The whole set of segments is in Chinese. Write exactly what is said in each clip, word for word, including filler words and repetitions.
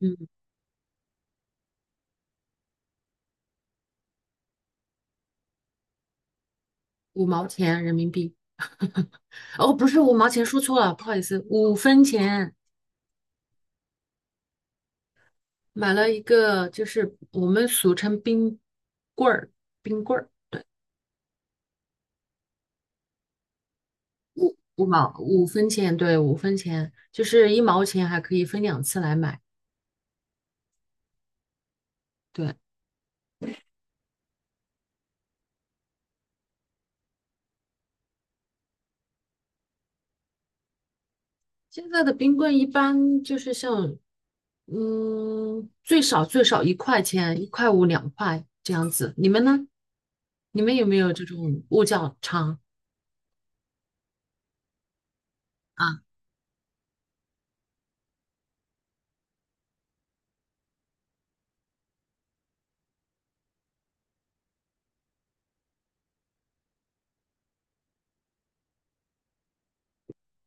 嗯，五毛钱人民币。哦，不是五毛钱，说错了，不好意思，五分钱买了一个，就是我们俗称冰棍儿，冰棍儿，五毛，五分钱，对，五分钱，就是一毛钱还可以分两次来买。对，现在的冰棍一般就是像，嗯，最少最少一块钱，一块五、两块这样子。你们呢？你们有没有这种物价差啊？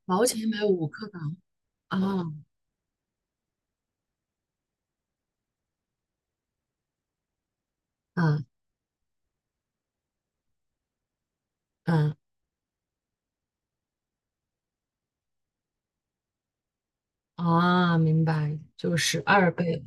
毛钱买五克港啊？嗯嗯，啊，明白，就是二倍。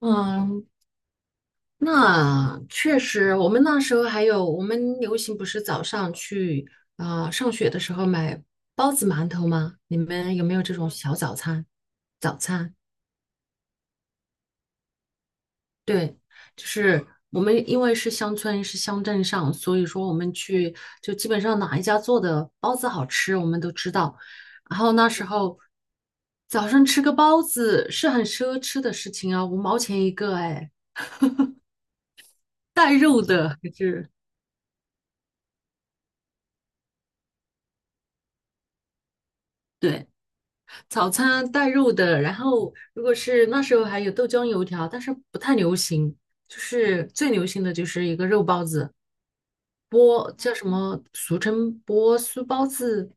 嗯，那确实，我们那时候还有，我们流行不是早上去啊、呃上学的时候买包子、馒头吗？你们有没有这种小早餐？早餐？对，就是我们因为是乡村，是乡镇上，所以说我们去就基本上哪一家做的包子好吃，我们都知道。然后那时候早上吃个包子是很奢侈的事情啊，五毛钱一个，哎，带肉的还是，对，早餐带肉的。然后如果是那时候还有豆浆油条，但是不太流行，就是最流行的就是一个肉包子，波叫什么，俗称波酥包子。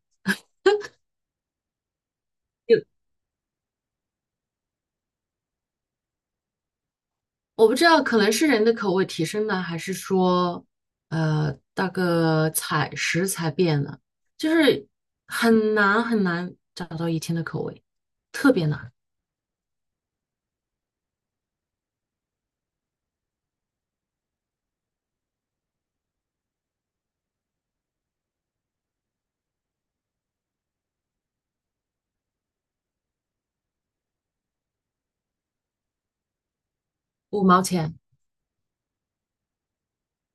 我不知道，可能是人的口味提升呢，还是说，呃，那个采食材变了，就是很难很难找到以前的口味，特别难，五毛钱，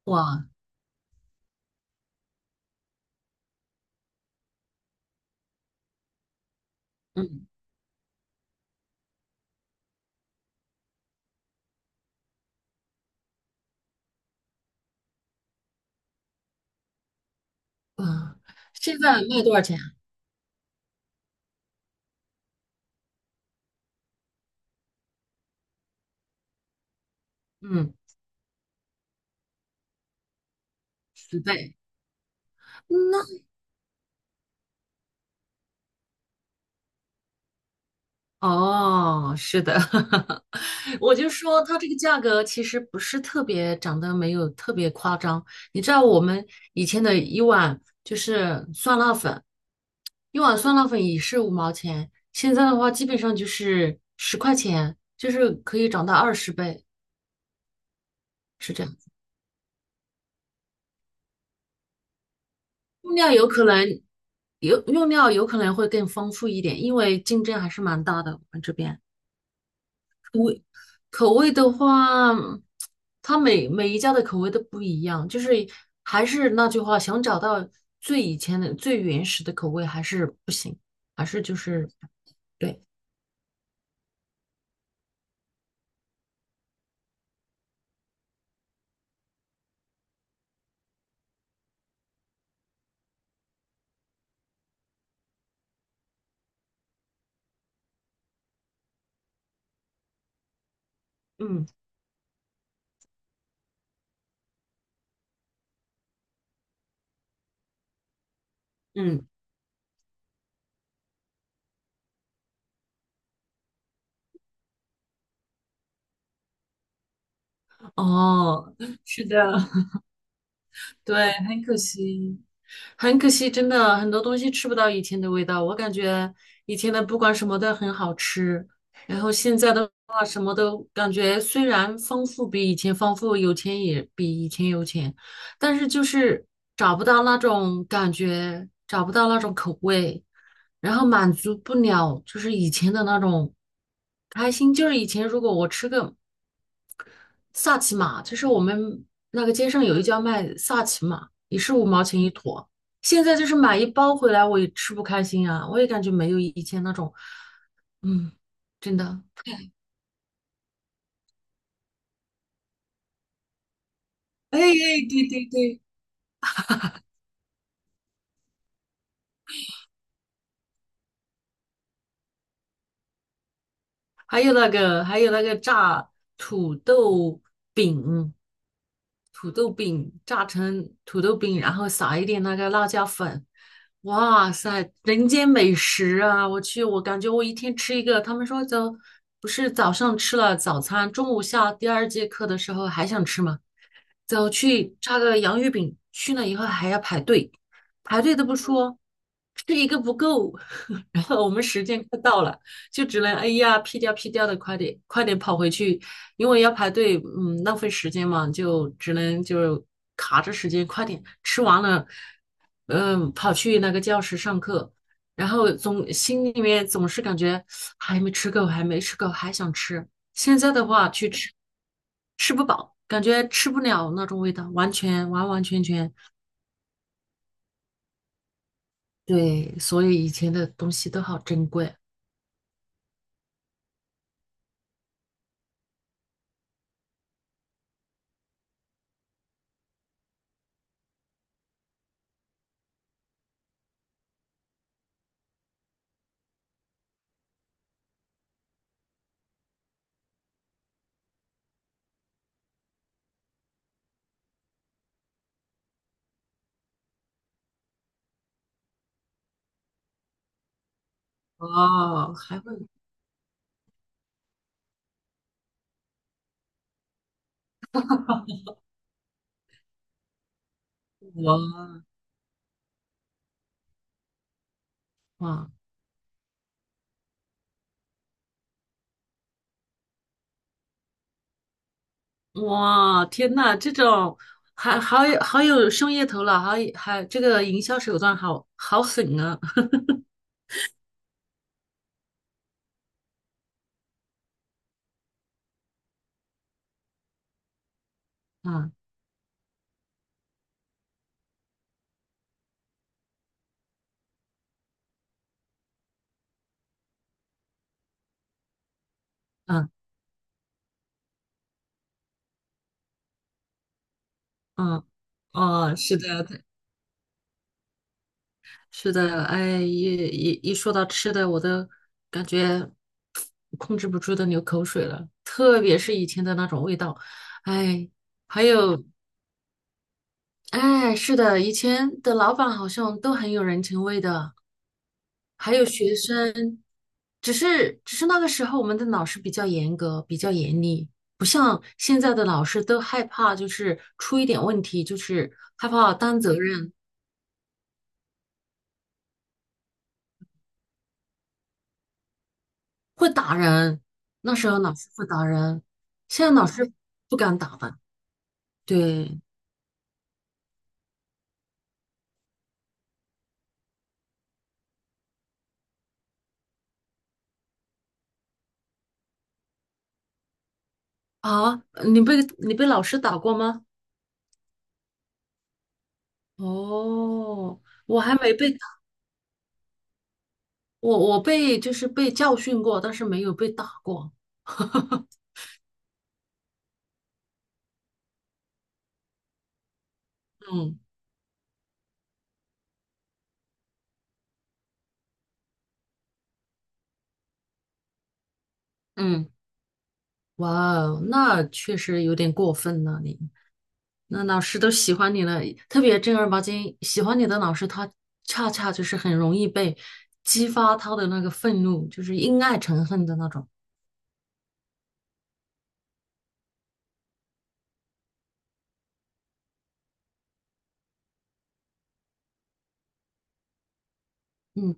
哇，嗯嗯，现在卖多少钱啊？嗯，十倍。那，哦，是的，我就说它这个价格其实不是特别涨得，没有特别夸张。你知道我们以前的一碗就是酸辣粉。一碗酸辣粉也是五毛钱，现在的话基本上就是十块钱，就是可以涨到二十倍，是这样。用料有可能，有用料有可能会更丰富一点，因为竞争还是蛮大的。我们这边口味的话，它每每一家的口味都不一样，就是还是那句话，想找到最以前的最原始的口味还是不行，还是就是，对，嗯嗯，哦，是的。对，很可惜，很可惜，真的很多东西吃不到以前的味道。我感觉以前的不管什么都很好吃，然后现在的话什么都感觉虽然丰富比以前丰富，有钱也比以前有钱，但是就是找不到那种感觉，找不到那种口味，然后满足不了就是以前的那种开心。就是以前如果我吃个萨琪玛，就是我们那个街上有一家卖萨琪玛，也是五毛钱一坨。现在就是买一包回来，我也吃不开心啊，我也感觉没有以前那种，嗯，真的。哎哎，对对对，还有那个，还有那个炸土豆饼，土豆饼炸成土豆饼，然后撒一点那个辣椒粉，哇塞，人间美食啊！我去，我感觉我一天吃一个。他们说早不是早上吃了早餐，中午下第二节课的时候还想吃吗？走去差个洋芋饼，去了以后还要排队，排队都不说，吃一个不够，然后我们时间快到了，就只能哎呀屁颠屁颠的快点快点跑回去，因为要排队，嗯，浪费时间嘛，就只能就卡着时间快点吃完了，嗯，跑去那个教室上课。然后总心里面总是感觉还没吃够，还没吃够，还想吃，现在的话去吃吃不饱，感觉吃不了那种味道，完全完完全全，对，所以以前的东西都好珍贵，哦，还会，我，哇，哇！天呐，这种，还好有好有商业头脑，还有，还这个营销手段好好狠啊！嗯嗯嗯，哦，是的，是的，哎，一一一说到吃的，我都感觉控制不住的流口水了，特别是以前的那种味道，哎，还有，哎，是的，以前的老板好像都很有人情味的，还有学生，只是只是那个时候我们的老师比较严格，比较严厉，不像现在的老师都害怕，就是出一点问题，就是害怕担责任，会打人，那时候老师会打人，现在老师不敢打的。对啊，你被你被老师打过吗？哦，我还没被打，我我被就是被教训过，但是没有被打过。嗯嗯，哇哦，那确实有点过分了你。那老师都喜欢你了，特别正儿八经喜欢你的老师，他恰恰就是很容易被激发他的那个愤怒，就是因爱成恨的那种。嗯。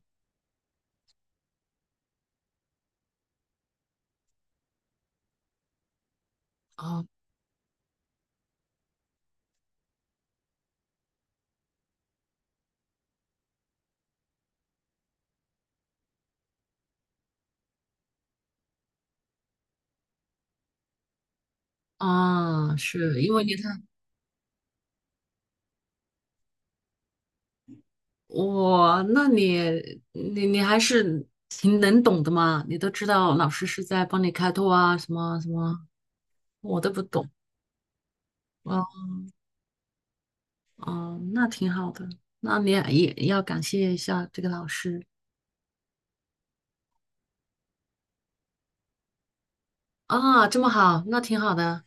哦，啊，是因为你看我，那你你你还是挺能懂的嘛，你都知道老师是在帮你开拓啊，什么什么，我都不懂啊，哦，那挺好的，那你也也要感谢一下这个老师啊，这么好，那挺好的。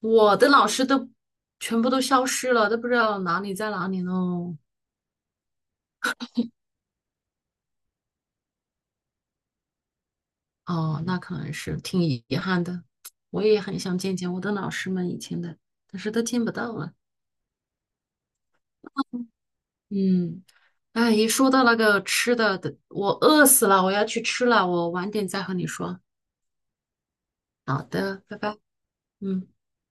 我的老师都全部都消失了，都不知道哪里在哪里喽。哦，那可能是挺遗憾的。我也很想见见我的老师们以前的，但是都见不到了。嗯，哎，一说到那个吃的，的，我饿死了，我要去吃了，我晚点再和你说。好的，拜拜。嗯。